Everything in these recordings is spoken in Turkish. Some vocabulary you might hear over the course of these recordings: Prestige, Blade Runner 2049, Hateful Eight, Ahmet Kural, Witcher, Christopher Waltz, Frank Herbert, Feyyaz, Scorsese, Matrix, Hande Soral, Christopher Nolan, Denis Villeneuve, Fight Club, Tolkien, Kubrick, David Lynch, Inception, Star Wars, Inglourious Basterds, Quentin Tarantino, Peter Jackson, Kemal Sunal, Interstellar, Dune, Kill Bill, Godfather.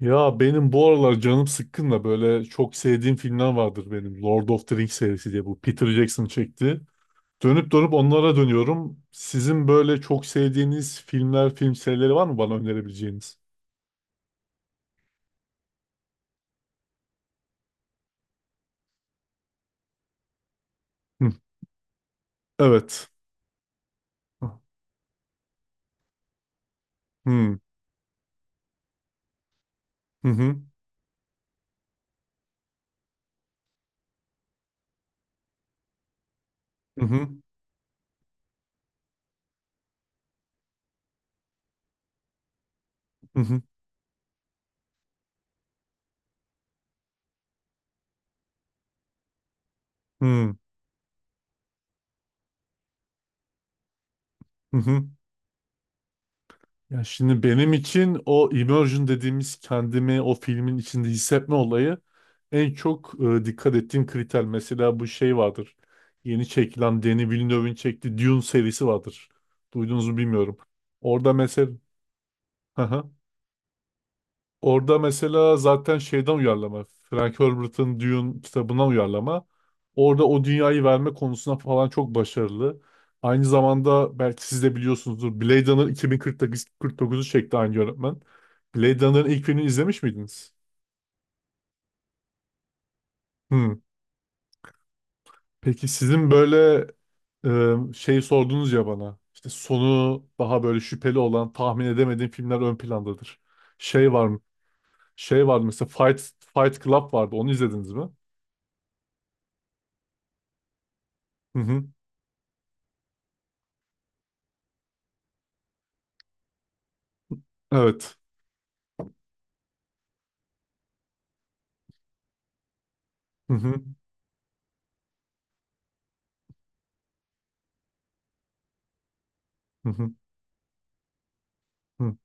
Ya benim bu aralar canım sıkkın da böyle çok sevdiğim filmler vardır benim. Lord of the Rings serisi diye bu Peter Jackson çekti. Dönüp dönüp onlara dönüyorum. Sizin böyle çok sevdiğiniz filmler, film serileri var mı bana önerebileceğiniz? Hı, evet. Hı, hı, hı, hı, hı, hı, hı, hı, hı. Ya şimdi benim için o immersion dediğimiz kendimi o filmin içinde hissetme olayı en çok dikkat ettiğim kriter. Mesela bu şey vardır. Yeni çekilen Denis Villeneuve'in çektiği Dune serisi vardır. Duydunuz mu bilmiyorum. Orada mesela orada mesela zaten şeyden uyarlama. Frank Herbert'ın Dune kitabından uyarlama. Orada o dünyayı verme konusunda falan çok başarılı. Aynı zamanda belki siz de biliyorsunuzdur. Blade Runner 2049'u çekti aynı yönetmen. Blade Runner'ın ilk filmini izlemiş miydiniz? Hmm. Peki sizin böyle şey sordunuz ya bana. İşte sonu daha böyle şüpheli olan, tahmin edemediğim filmler ön plandadır. Şey var mı? Şey var mı? Mesela Fight Club vardı. Onu izlediniz mi? Hı hı. Evet. Hı hı. Hı hı. Hı.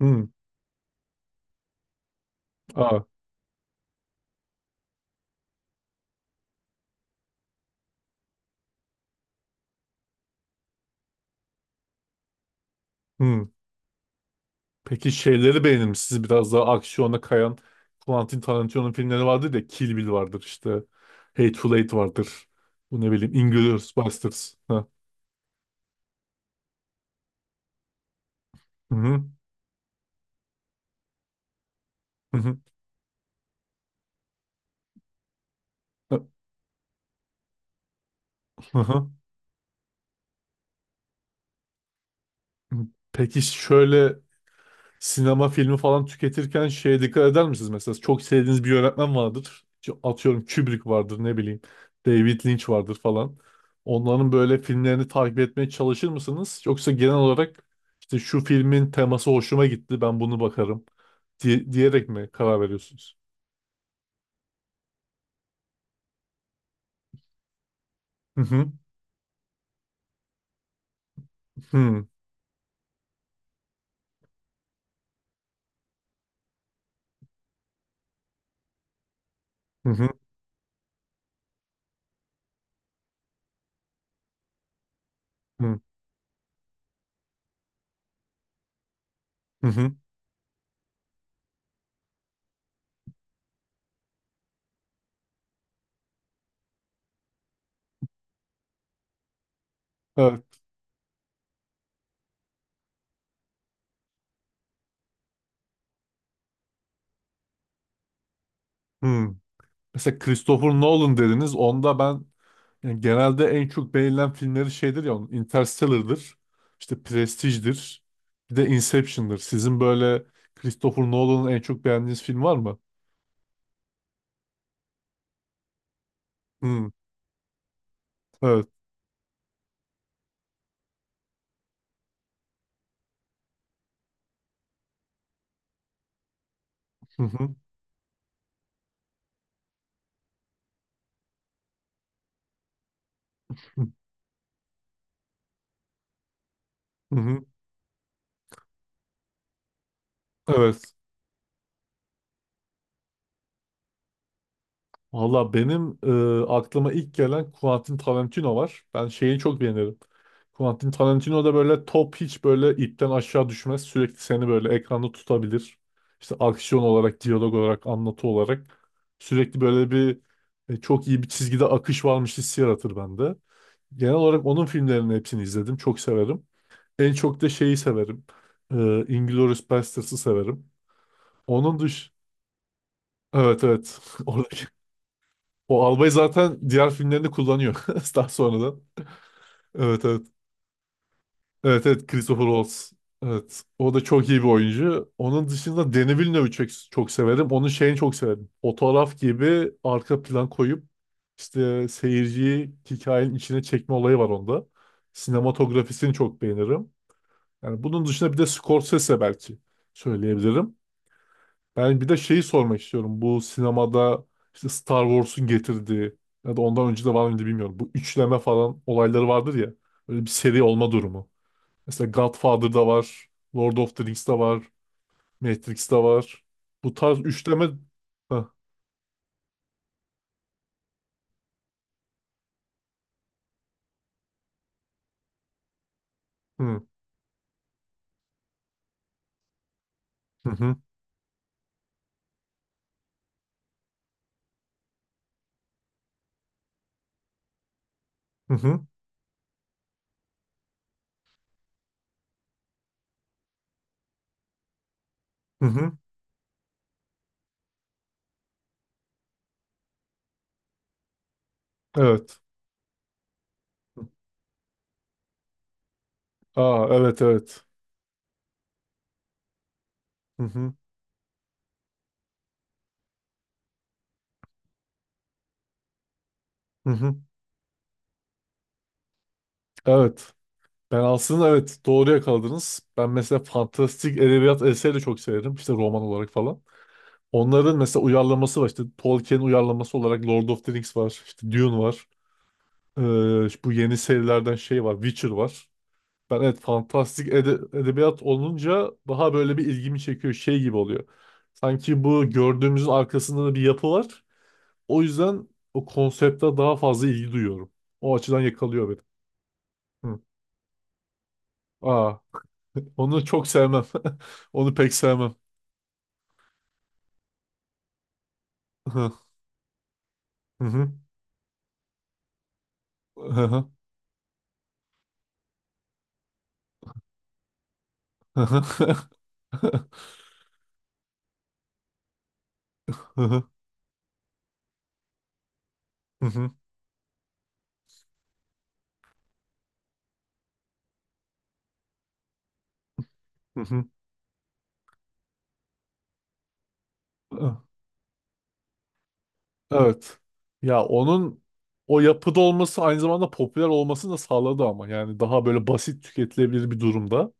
Hı. Aa. Hı. Peki şeyleri beğenir misiniz? Biraz daha aksiyona kayan Quentin Tarantino'nun filmleri vardır ya. Kill Bill vardır işte. Hateful Eight vardır. Bu ne bileyim. Inglourious Basterds. Ha. Hı hı. Hı hı. Hı hı. Peki şöyle sinema filmi falan tüketirken şeye dikkat eder misiniz? Mesela çok sevdiğiniz bir yönetmen vardır. İşte atıyorum Kubrick vardır ne bileyim. David Lynch vardır falan. Onların böyle filmlerini takip etmeye çalışır mısınız? Yoksa genel olarak işte şu filmin teması hoşuma gitti ben bunu bakarım diyerek mi karar veriyorsunuz? Hı hı. Hı hı. Hı hı. Hı hı. Evet. Hı. Mesela Christopher Nolan dediniz. Onda ben yani genelde en çok beğenilen filmleri şeydir ya onun Interstellar'dır. İşte Prestige'dir. Bir de Inception'dır. Sizin böyle Christopher Nolan'ın en çok beğendiğiniz film var mı? Hmm, evet. Hı hı. Hı hı. Evet. Valla benim aklıma ilk gelen Quentin Tarantino var. Ben şeyi çok beğenirim. Quentin Tarantino da böyle top hiç böyle ipten aşağı düşmez. Sürekli seni böyle ekranda tutabilir. İşte aksiyon olarak, diyalog olarak, anlatı olarak. Sürekli böyle bir çok iyi bir çizgide akış varmış hissi yaratır bende. Genel olarak onun filmlerinin hepsini izledim. Çok severim. En çok da şeyi severim. E, Inglourious Basterds'ı severim. Onun dış... Evet, evet. Orada o albayı zaten diğer filmlerinde kullanıyor. Daha sonradan. Evet evet. Evet evet Christopher Waltz. Evet. O da çok iyi bir oyuncu. Onun dışında Denis Villeneuve'ü çok, çok severim. Onun şeyini çok severim. Fotoğraf gibi arka plan koyup işte seyirciyi hikayenin içine çekme olayı var onda. Sinematografisini çok beğenirim. Yani bunun dışında bir de Scorsese belki söyleyebilirim. Ben bir de şeyi sormak istiyorum. Bu sinemada işte Star Wars'un getirdiği ya da ondan önce de var mıydı bilmiyorum. Bu üçleme falan olayları vardır ya. Böyle bir seri olma durumu. Mesela Godfather'da var. Lord of the Rings'te var. Matrix'te var. Bu tarz üçleme... Heh, hı hı hı hı hı hı, hı. Evet. Aa evet evet. Hı hı hı hı. Evet. Ben aslında evet doğru yakaladınız. Ben mesela fantastik edebiyat eseri de çok severim. İşte roman olarak falan. Onların mesela uyarlaması var. İşte Tolkien uyarlaması olarak Lord of the Rings var. İşte Dune var. İşte bu yeni serilerden şey var. Witcher var. Ben evet fantastik edebiyat olunca daha böyle bir ilgimi çekiyor. Şey gibi oluyor. Sanki bu gördüğümüzün arkasında da bir yapı var. O yüzden o konsepte daha fazla ilgi duyuyorum. O açıdan yakalıyor beni. Hı. Aa, onu çok sevmem. Onu pek sevmem. Hı hı. Hı hı. Hı hı. Hı hı. Hı hı. Hı hı. Hı hı. Evet. Ya onun o yapıda olması aynı zamanda popüler olmasını da sağladı ama yani daha böyle basit tüketilebilir bir durumda.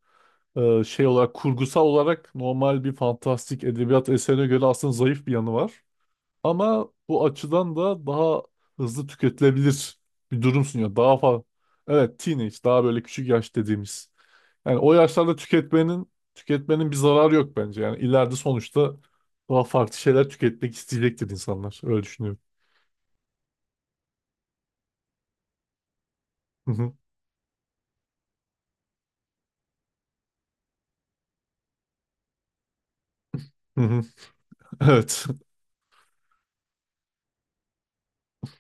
Şey olarak kurgusal olarak normal bir fantastik edebiyat eserine göre aslında zayıf bir yanı var. Ama bu açıdan da daha hızlı tüketilebilir bir durum sunuyor. Daha fazla evet teenage daha böyle küçük yaş dediğimiz. Yani o yaşlarda tüketmenin bir zararı yok bence. Yani ileride sonuçta daha farklı şeyler tüketmek isteyecektir insanlar. Öyle düşünüyorum. Hı hı. Evet.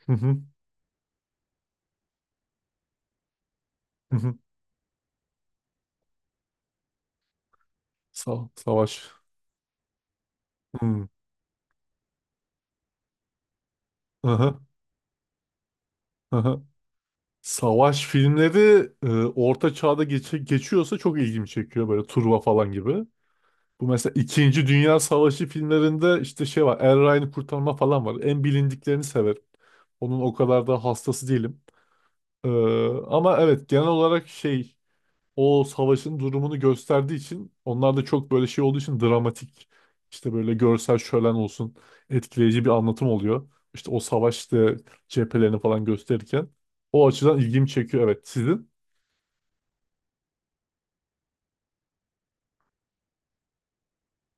Hı hı. Hı hı. Savaş. Hı. Aha. Aha. Savaş filmleri Orta Çağ'da geçiyorsa çok ilgimi çekiyor böyle Turva falan gibi. Bu mesela İkinci Dünya Savaşı filmlerinde işte şey var Er Ryan'ı kurtarma falan var. En bilindiklerini severim. Onun o kadar da hastası değilim. E, ama evet genel olarak şey o savaşın durumunu gösterdiği için onlar da çok böyle şey olduğu için dramatik işte böyle görsel şölen olsun etkileyici bir anlatım oluyor. İşte o savaşta cephelerini falan gösterirken o açıdan ilgimi çekiyor evet sizin.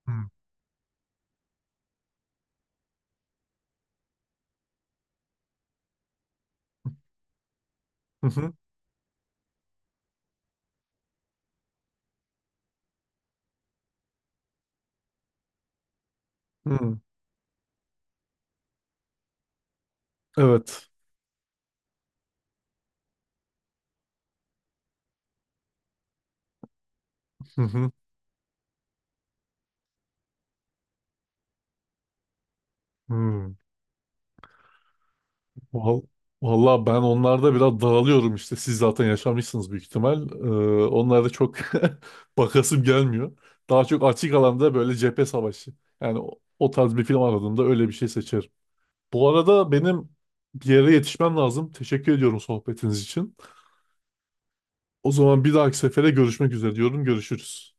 Hmm. Hı hı. Hı. Evet. Hı hı. Hı. Val- Vallahi ben onlarda biraz dağılıyorum işte. Siz zaten yaşamışsınız büyük ihtimal. Onlarda çok bakasım gelmiyor. Daha çok açık alanda böyle cephe savaşı. Yani o tarz bir film aradığımda öyle bir şey seçerim. Bu arada benim bir yere yetişmem lazım. Teşekkür ediyorum sohbetiniz için. O zaman bir dahaki sefere görüşmek üzere diyorum. Görüşürüz.